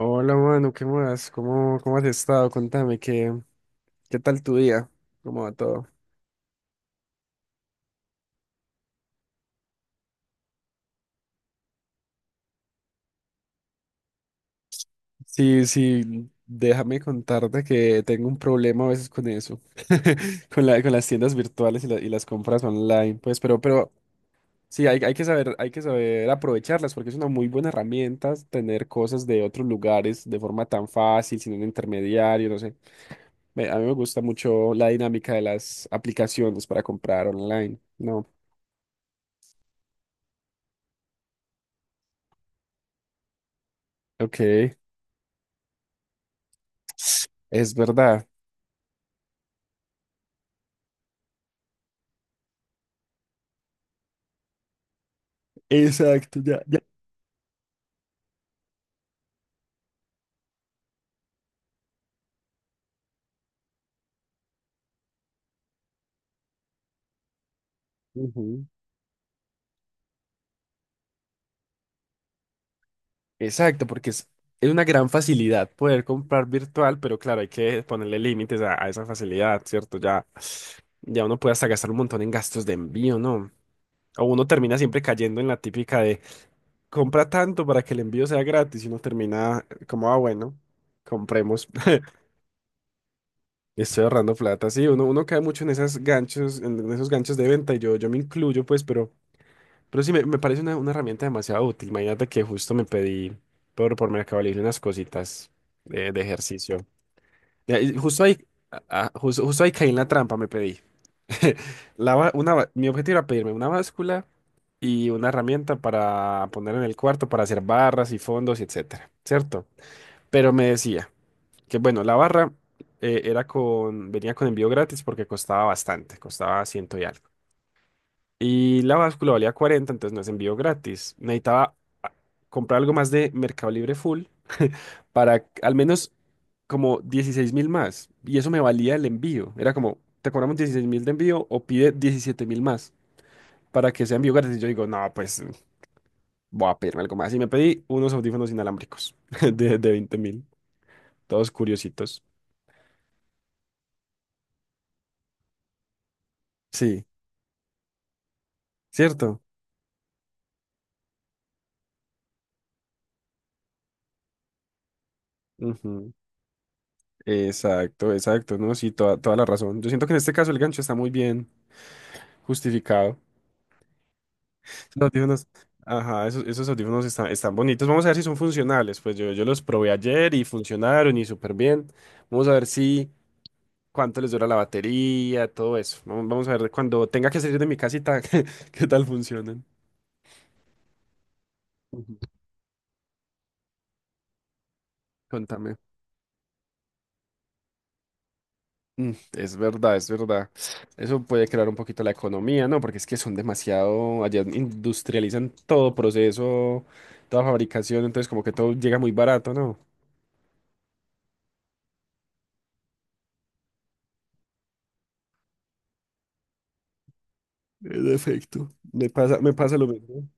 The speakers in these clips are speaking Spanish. Hola, mano, ¿qué más? ¿Cómo has estado? Contame, ¿qué tal tu día? ¿Cómo va todo? Sí, sí, déjame contarte que tengo un problema a veces con eso, con las tiendas virtuales y las compras online, pues, pero sí, hay que saber aprovecharlas porque es una muy buena herramienta tener cosas de otros lugares de forma tan fácil, sin un intermediario, no sé. A mí me gusta mucho la dinámica de las aplicaciones para comprar online, ¿no? Ok. Es verdad. Exacto, ya, ya. Ujú. Exacto, porque es una gran facilidad poder comprar virtual, pero claro, hay que ponerle límites a esa facilidad, ¿cierto? Ya, ya uno puede hasta gastar un montón en gastos de envío, ¿no? O uno termina siempre cayendo en la típica de compra tanto para que el envío sea gratis y uno termina como, ah, bueno, compremos. Estoy ahorrando plata. Sí, uno cae mucho en esos ganchos de venta y yo me incluyo, pues, pero... sí, me parece una herramienta demasiado útil. Imagínate que justo me pedí por Mercado Libre unas cositas de ejercicio. Y ahí- justo ahí, ah, ah, justo, justo ahí caí en la trampa, me pedí. La, ba- una, ba- mi objetivo era pedirme una báscula y una herramienta para poner en el cuarto para hacer barras y fondos y etcétera, ¿cierto? Pero me decía que, bueno, la barra era con, venía con envío gratis porque costaba bastante, costaba ciento y algo. Y la báscula valía 40 entonces no es envío gratis. Necesitaba comprar algo más de Mercado Libre full para al menos como 16.000 más. Y eso me valía el envío. Era como, te cobramos 16.000 de envío o pide 17.000 más para que sea envío gratis. Y yo digo, no, pues voy a pedirme algo más. Y me pedí unos audífonos inalámbricos de 20.000, todos curiositos. Sí, ¿cierto? Ujú. Exacto, exacto, ¿no? Sí, toda la razón. Yo siento que en este caso el gancho está muy bien justificado. Los audífonos. Ajá, esos audífonos están bonitos. Vamos a ver si son funcionales. Pues yo los probé ayer y funcionaron y súper bien. Vamos a ver si cuánto les dura la batería, todo eso. Vamos a ver cuando tenga que salir de mi casita, qué, qué tal funcionan. Ujú. Contame. Mm, es verdad, es verdad. Eso puede crear un poquito la economía, ¿no? Porque es que son demasiado, allá industrializan todo proceso, toda fabricación, entonces como que todo llega muy barato, ¿no? En efecto, me pasa lo mismo.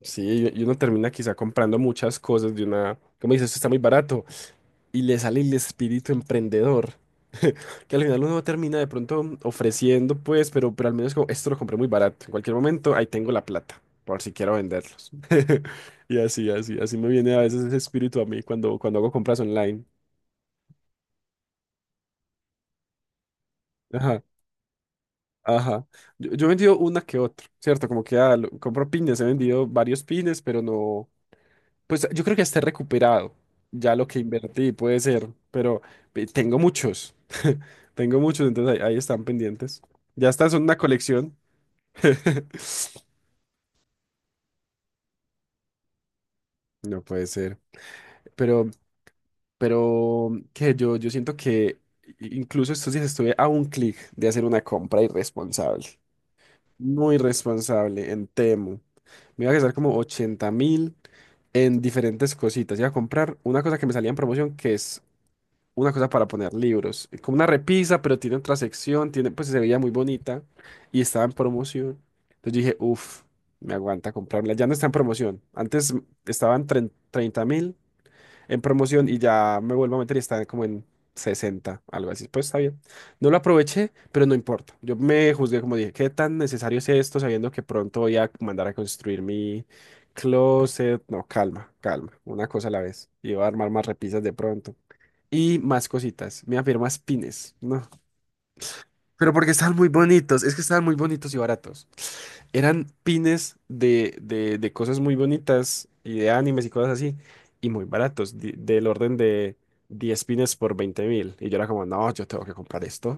Sí, y uno termina quizá comprando muchas cosas de una, como dices, esto está muy barato, y le sale el espíritu emprendedor, que al final uno termina de pronto ofreciendo, pues, pero al menos como, esto lo compré muy barato, en cualquier momento ahí tengo la plata, por si quiero venderlos. Y así, así, así me viene a veces ese espíritu a mí cuando, cuando hago compras online. Ajá, ajá. Yo he vendido una que otra, ¿cierto? Como que ah, lo- compro pines, he vendido varios pines, pero no. Pues yo creo que esté recuperado. Ya lo que invertí puede ser, pero tengo muchos. Tengo muchos, entonces ahí están pendientes. Ya están, son una colección. No puede ser. Pero, pero que yo siento que incluso estos días estuve a un clic de hacer una compra irresponsable. Muy responsable en Temu. Me iba a gastar como 80.000 en diferentes cositas. Iba a comprar una cosa que me salía en promoción que es una cosa para poner libros, como una repisa, pero tiene otra sección, tiene, pues se veía muy bonita y estaba en promoción. Entonces dije, uff, me aguanta comprarla. Ya no está en promoción. Antes estaban 30.000 en promoción y ya me vuelvo a meter y está como en 60 algo así. Pues está bien. No lo aproveché, pero no importa. Yo me juzgué como dije, ¿qué tan necesario es esto sabiendo que pronto voy a mandar a construir mi closet? No, calma, calma, una cosa a la vez. Y voy a armar más repisas de pronto. Y más cositas. Me había más pines. No. Pero porque estaban muy bonitos. Es que estaban muy bonitos y baratos. Eran pines de cosas muy bonitas y de animes y cosas así. Y muy baratos. Del orden de 10 pines por 20.000. Y yo era como, no, yo tengo que comprar esto.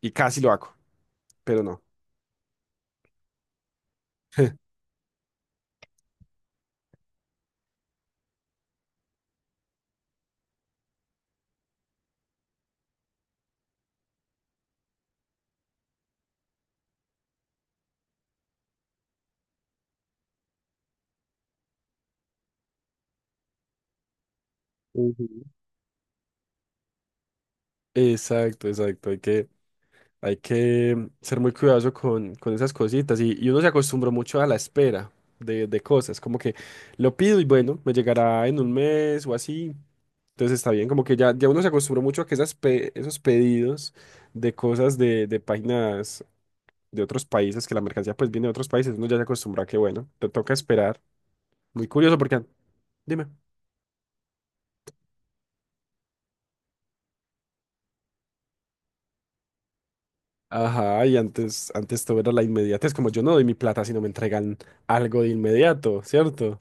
Y casi lo hago. Pero no. Ujú. Exacto, exacto. Hay que ser muy cuidadoso con esas cositas y uno se acostumbró mucho a la espera de cosas, como que lo pido y bueno, me llegará en un mes o así, entonces está bien, como que ya, ya uno se acostumbró mucho a que esos pedidos de cosas de páginas de otros países, que la mercancía pues viene de otros países, uno ya se acostumbra a que bueno, te toca esperar, muy curioso porque, dime, ajá, y antes todo era la inmediatez, como yo no doy mi plata si no me entregan algo de inmediato, ¿cierto?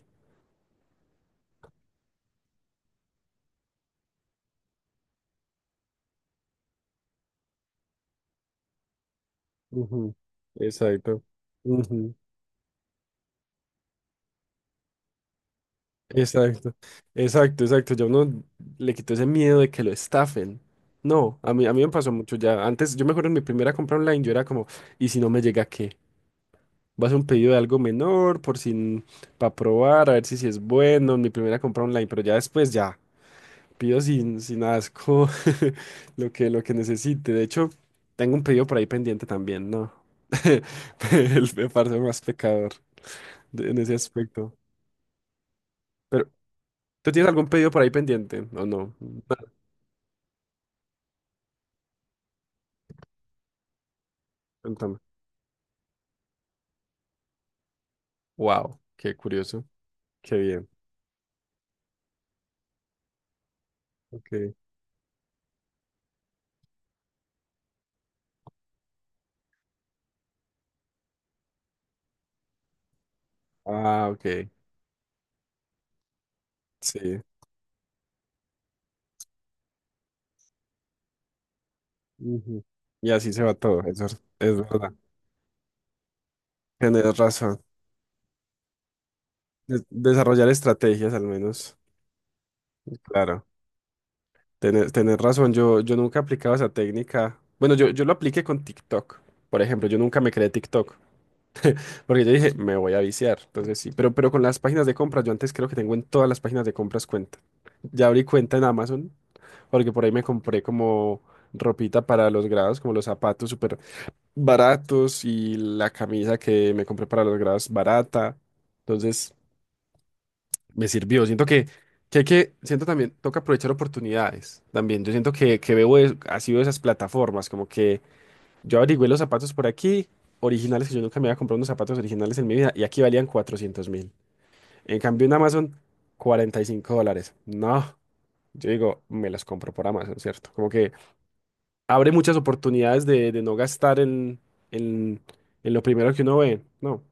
Ujú, exacto. Ujú. Exacto, exacto, exacto. Ya uno le quitó ese miedo de que lo estafen. No, a mí me pasó mucho ya. Antes, yo me acuerdo en mi primera compra online, yo era como, ¿y si no me llega qué? Vas a hacer un pedido de algo menor, por si, para probar, a ver si es bueno en mi primera compra online, pero ya después ya, pido sin asco lo que necesite. De hecho, tengo un pedido por ahí pendiente también, ¿no? El, me parece más pecador en ese aspecto. ¿Tú tienes algún pedido por ahí pendiente? ¿O no? No, wow, qué curioso. Qué bien. Ok. Ah, ok. Sí. Ujú. Y así se va todo. Eso es verdad. Tienes razón. Desarrollar estrategias al menos. Claro. Tener razón. Yo nunca he aplicado esa técnica. Bueno, yo lo apliqué con TikTok. Por ejemplo, yo nunca me creé TikTok. Porque yo dije, me voy a viciar. Entonces sí. Pero con las páginas de compras, yo antes creo que tengo en todas las páginas de compras cuenta. Ya abrí cuenta en Amazon. Porque por ahí me compré como ropita para los grados, como los zapatos súper baratos y la camisa que me compré para los grados barata. Entonces, me sirvió. Siento que hay que, siento también, toca aprovechar oportunidades también. Yo siento que, veo, así veo esas plataformas, como que yo averigüé los zapatos por aquí, originales, que yo nunca me había comprado unos zapatos originales en mi vida, y aquí valían 400.000. En cambio, en Amazon, 45 dólares. No, yo digo, me los compro por Amazon, ¿cierto? Como que abre muchas oportunidades de no gastar en, en lo primero que uno ve, ¿no?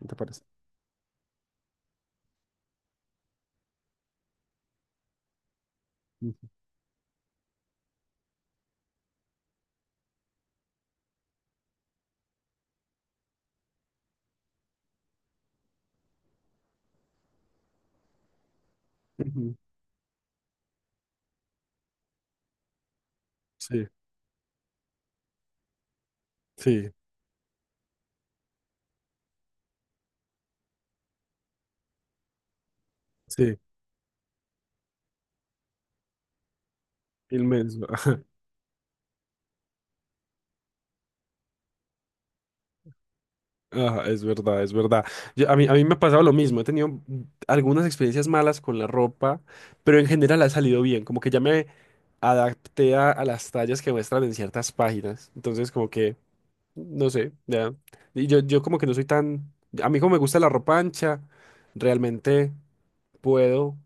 ¿No te parece? Ujú. Ujú. Sí, sí, sí, inmenso. Ajá, es verdad, es verdad. A mí me ha pasado lo mismo, he tenido algunas experiencias malas con la ropa, pero en general ha salido bien, como que ya me adapté a las tallas que muestran en ciertas páginas, entonces como que, no sé, ya. Y yo como que no soy tan, a mí como me gusta la ropa ancha, realmente puedo.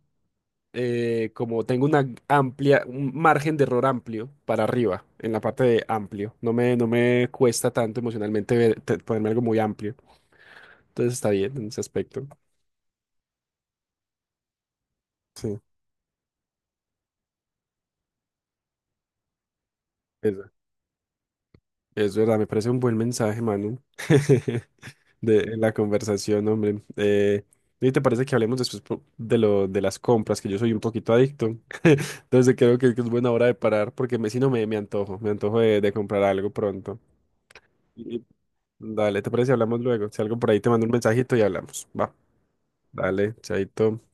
Eh, como tengo una amplia, un margen de error amplio para arriba, en la parte de amplio. No me, no me cuesta tanto emocionalmente ponerme algo muy amplio. Entonces está bien en ese aspecto. Sí, eso. Es verdad, me parece un buen mensaje, Manu, de, en la conversación, hombre. ¿Y te parece que hablemos después de las compras? Que yo soy un poquito adicto. Entonces creo que es buena hora de parar porque si no me antojo, me antojo de comprar algo pronto. Dale, ¿te parece si hablamos luego? Si algo por ahí te mando un mensajito y hablamos. Va, dale, chaito.